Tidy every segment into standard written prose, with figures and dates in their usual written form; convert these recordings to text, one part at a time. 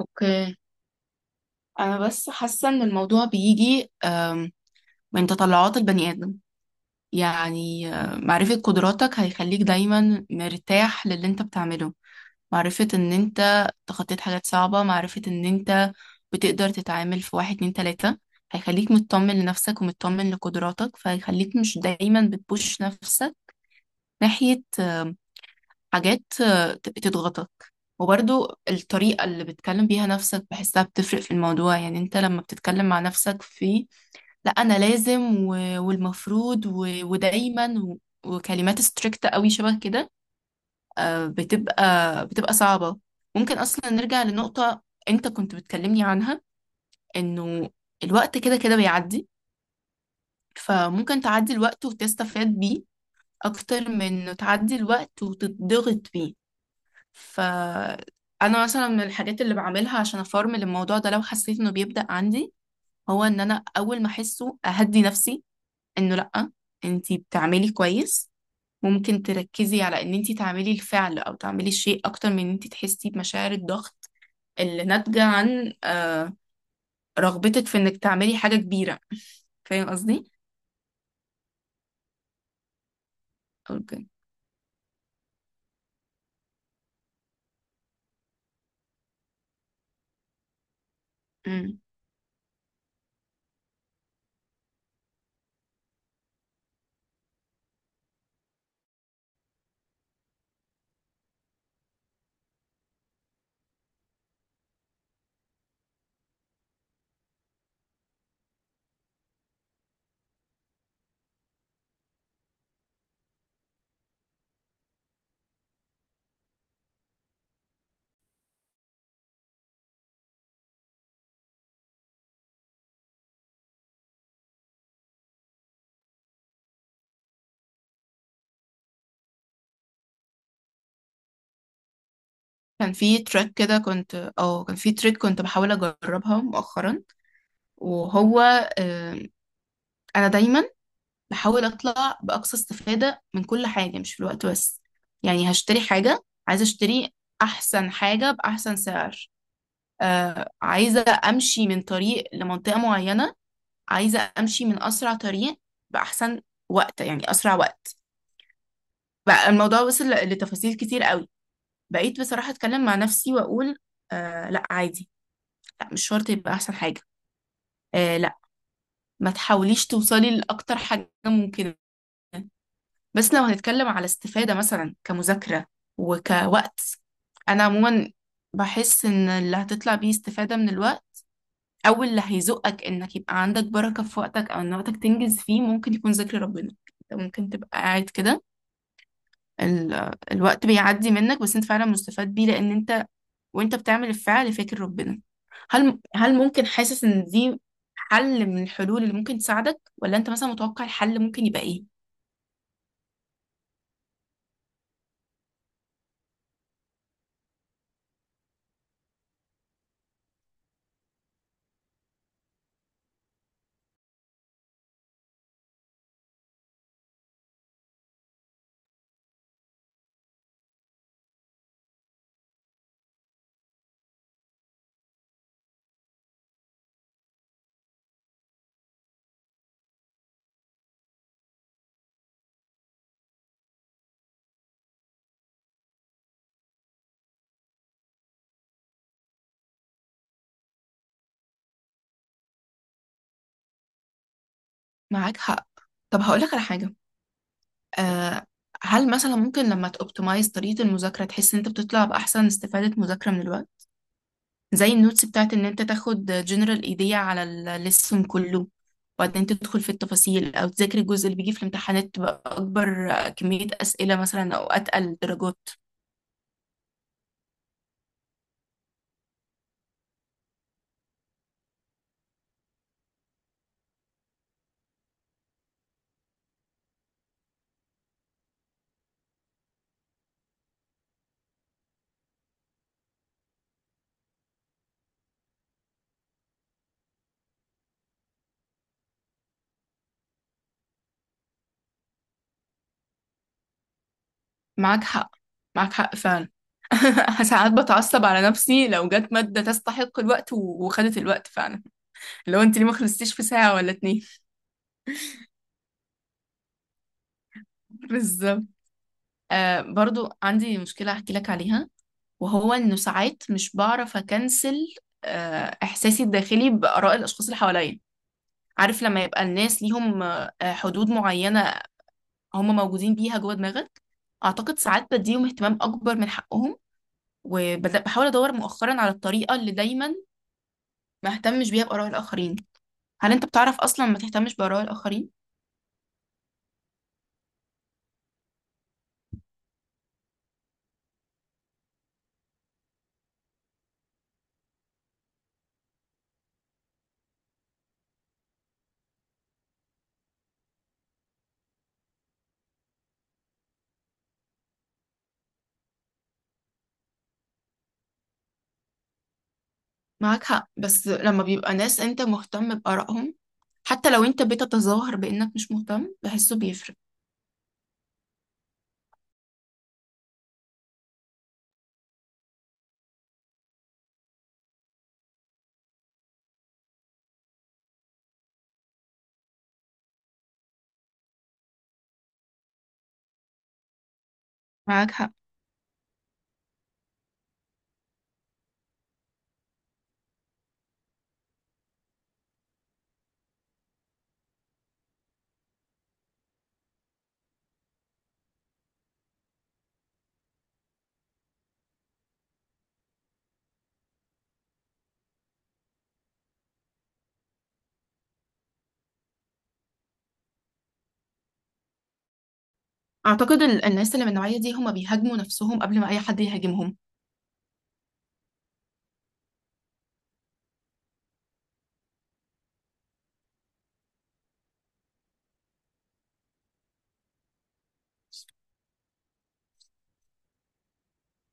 اوكي. انا بس حاسه ان الموضوع بيجي من تطلعات البني ادم. يعني معرفه قدراتك هيخليك دايما مرتاح للي انت بتعمله، معرفه ان انت تخطيت حاجات صعبه، معرفه ان انت بتقدر تتعامل في واحد اتنين تلاته، هيخليك مطمن لنفسك ومطمن لقدراتك، فهيخليك مش دايما بتبوش نفسك ناحيه حاجات تضغطك. وبرضو الطريقة اللي بتكلم بيها نفسك بحسها بتفرق في الموضوع. يعني انت لما بتتكلم مع نفسك في لا انا لازم، و... والمفروض، و... ودايما، و... وكلمات ستريكت قوي شبه كده، بتبقى صعبة. ممكن اصلا نرجع لنقطة انت كنت بتكلمني عنها، انه الوقت كده كده بيعدي، فممكن تعدي الوقت وتستفاد بيه اكتر من تعدي الوقت وتتضغط بيه. فأنا مثلا من الحاجات اللي بعملها عشان أفرمل الموضوع ده لو حسيت إنه بيبدأ عندي، هو إن أنا أول ما أحسه أهدي نفسي، إنه لأ، أنتي بتعملي كويس، ممكن تركزي على إن أنتي تعملي الفعل أو تعملي الشيء أكتر من إن أنتي تحسي بمشاعر الضغط اللي ناتجة عن رغبتك في إنك تعملي حاجة كبيرة. فاهم قصدي؟ اوكي. امم. كان في تريك كنت بحاول اجربها مؤخرا. وهو آه، انا دايما بحاول اطلع باقصى استفادة من كل حاجة، مش في الوقت بس. يعني هشتري حاجة، عايزة اشتري احسن حاجة باحسن سعر، آه، عايزة امشي من طريق لمنطقة معينة، عايزة امشي من اسرع طريق باحسن وقت، يعني اسرع وقت. بقى الموضوع وصل لتفاصيل كتير قوي. بقيت بصراحة اتكلم مع نفسي واقول آه لا عادي، لا مش شرط يبقى احسن حاجة، آه لا ما تحاوليش توصلي لاكتر حاجة ممكنة. بس لو هنتكلم على استفادة مثلا كمذاكرة وكوقت، أنا عموما بحس إن اللي هتطلع بيه استفادة من الوقت، أو اللي هيزقك إنك يبقى عندك بركة في وقتك أو إن وقتك تنجز فيه، ممكن يكون ذكر ربنا. أنت ممكن تبقى قاعد كده، الوقت بيعدي منك، بس أنت فعلا مستفاد بيه، لأن أنت وأنت بتعمل الفعل فاكر ربنا. هل ممكن، حاسس إن دي حل من الحلول اللي ممكن تساعدك، ولا أنت مثلا متوقع الحل ممكن يبقى إيه؟ معاك حق. طب هقولك على حاجة. آه، هل مثلا ممكن لما تأوبتمايز طريقة المذاكرة تحس ان انت بتطلع بأحسن استفادة مذاكرة من الوقت؟ زي النوتس بتاعت ان انت تاخد جنرال ايديا على الليسون كله وبعدين تدخل في التفاصيل، او تذاكر الجزء اللي بيجي في الامتحانات تبقى اكبر كمية اسئلة مثلا او اتقل درجات. معاك حق، معاك حق فعلا. ساعات بتعصب على نفسي لو جت مادة تستحق الوقت وخدت الوقت فعلا، لو انت ليه ما خلصتيش في ساعة ولا اتنين. بالظبط. آه، برضو عندي مشكلة احكي لك عليها، وهو انه ساعات مش بعرف اكنسل احساسي الداخلي باراء الاشخاص اللي حواليا. عارف لما يبقى الناس ليهم حدود معينة، هم موجودين بيها جوه دماغك؟ اعتقد ساعات بديهم اهتمام اكبر من حقهم، وبحاول ادور مؤخرا على الطريقة اللي دايما ما اهتمش بيها باراء الاخرين. هل انت بتعرف اصلا ما تهتمش باراء الاخرين؟ معاك حق، بس لما بيبقى ناس انت مهتم بارائهم، حتى لو انت بتتظاهر بانك مش مهتم بحسه بيفرق. معاك حق. أعتقد الناس اللي من النوعية دي هما بيهاجموا نفسهم قبل ما أي حد يهاجمهم.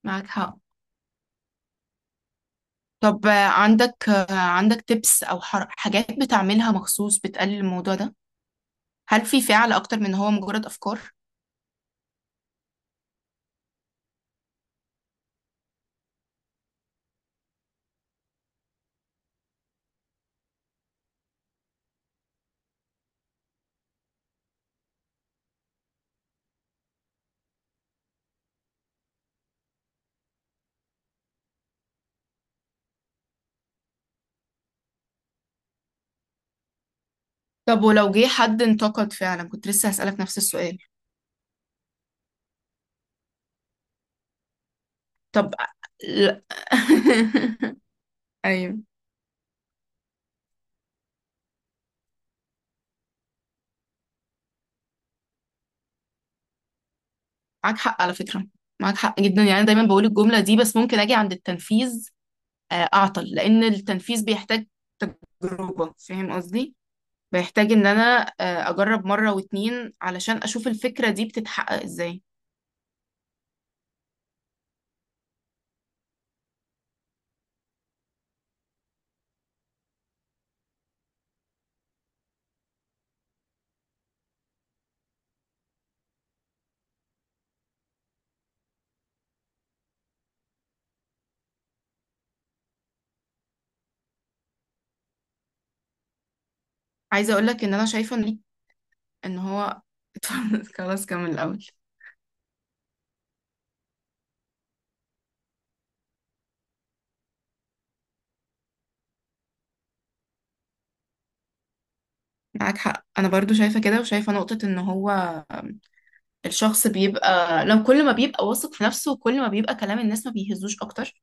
معاك حق. طب عندك عندك تبس أو حاجات بتعملها مخصوص بتقلل الموضوع ده؟ هل في فعل أكتر من هو مجرد أفكار؟ طب ولو جه حد انتقد فعلا، كنت لسه هسألك نفس السؤال. طب لا. أيوه، معاك حق على فكرة، معاك حق جدا. يعني أنا دايما بقول الجملة دي، بس ممكن أجي عند التنفيذ أعطل، لأن التنفيذ بيحتاج تجربة. فاهم قصدي؟ بيحتاج ان انا اجرب مرة واتنين علشان اشوف الفكرة دي بتتحقق ازاي. عايزة اقولك ان انا شايفة ان ان هو خلاص كمل الاول. معاك حق، انا برضو شايفة كده، وشايفة نقطة ان هو آم، الشخص بيبقى لو كل ما بيبقى واثق في نفسه كل ما بيبقى كلام الناس ما بيهزوش اكتر.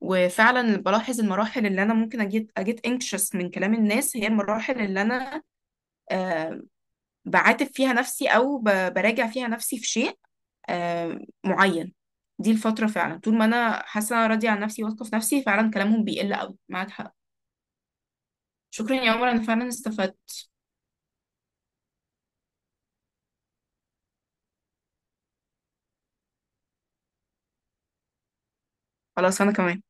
وفعلا بلاحظ المراحل اللي انا ممكن اجيت anxious من كلام الناس، هي المراحل اللي انا آه، بعاتب فيها نفسي او براجع فيها نفسي في شيء آه، معين. دي الفترة فعلا، طول ما أنا حاسة إن أنا راضية عن نفسي واثقة في نفسي، فعلا كلامهم بيقل أوي. معاك حق. شكرا يا عمر، أنا فعلا استفدت. خلاص أنا كمان.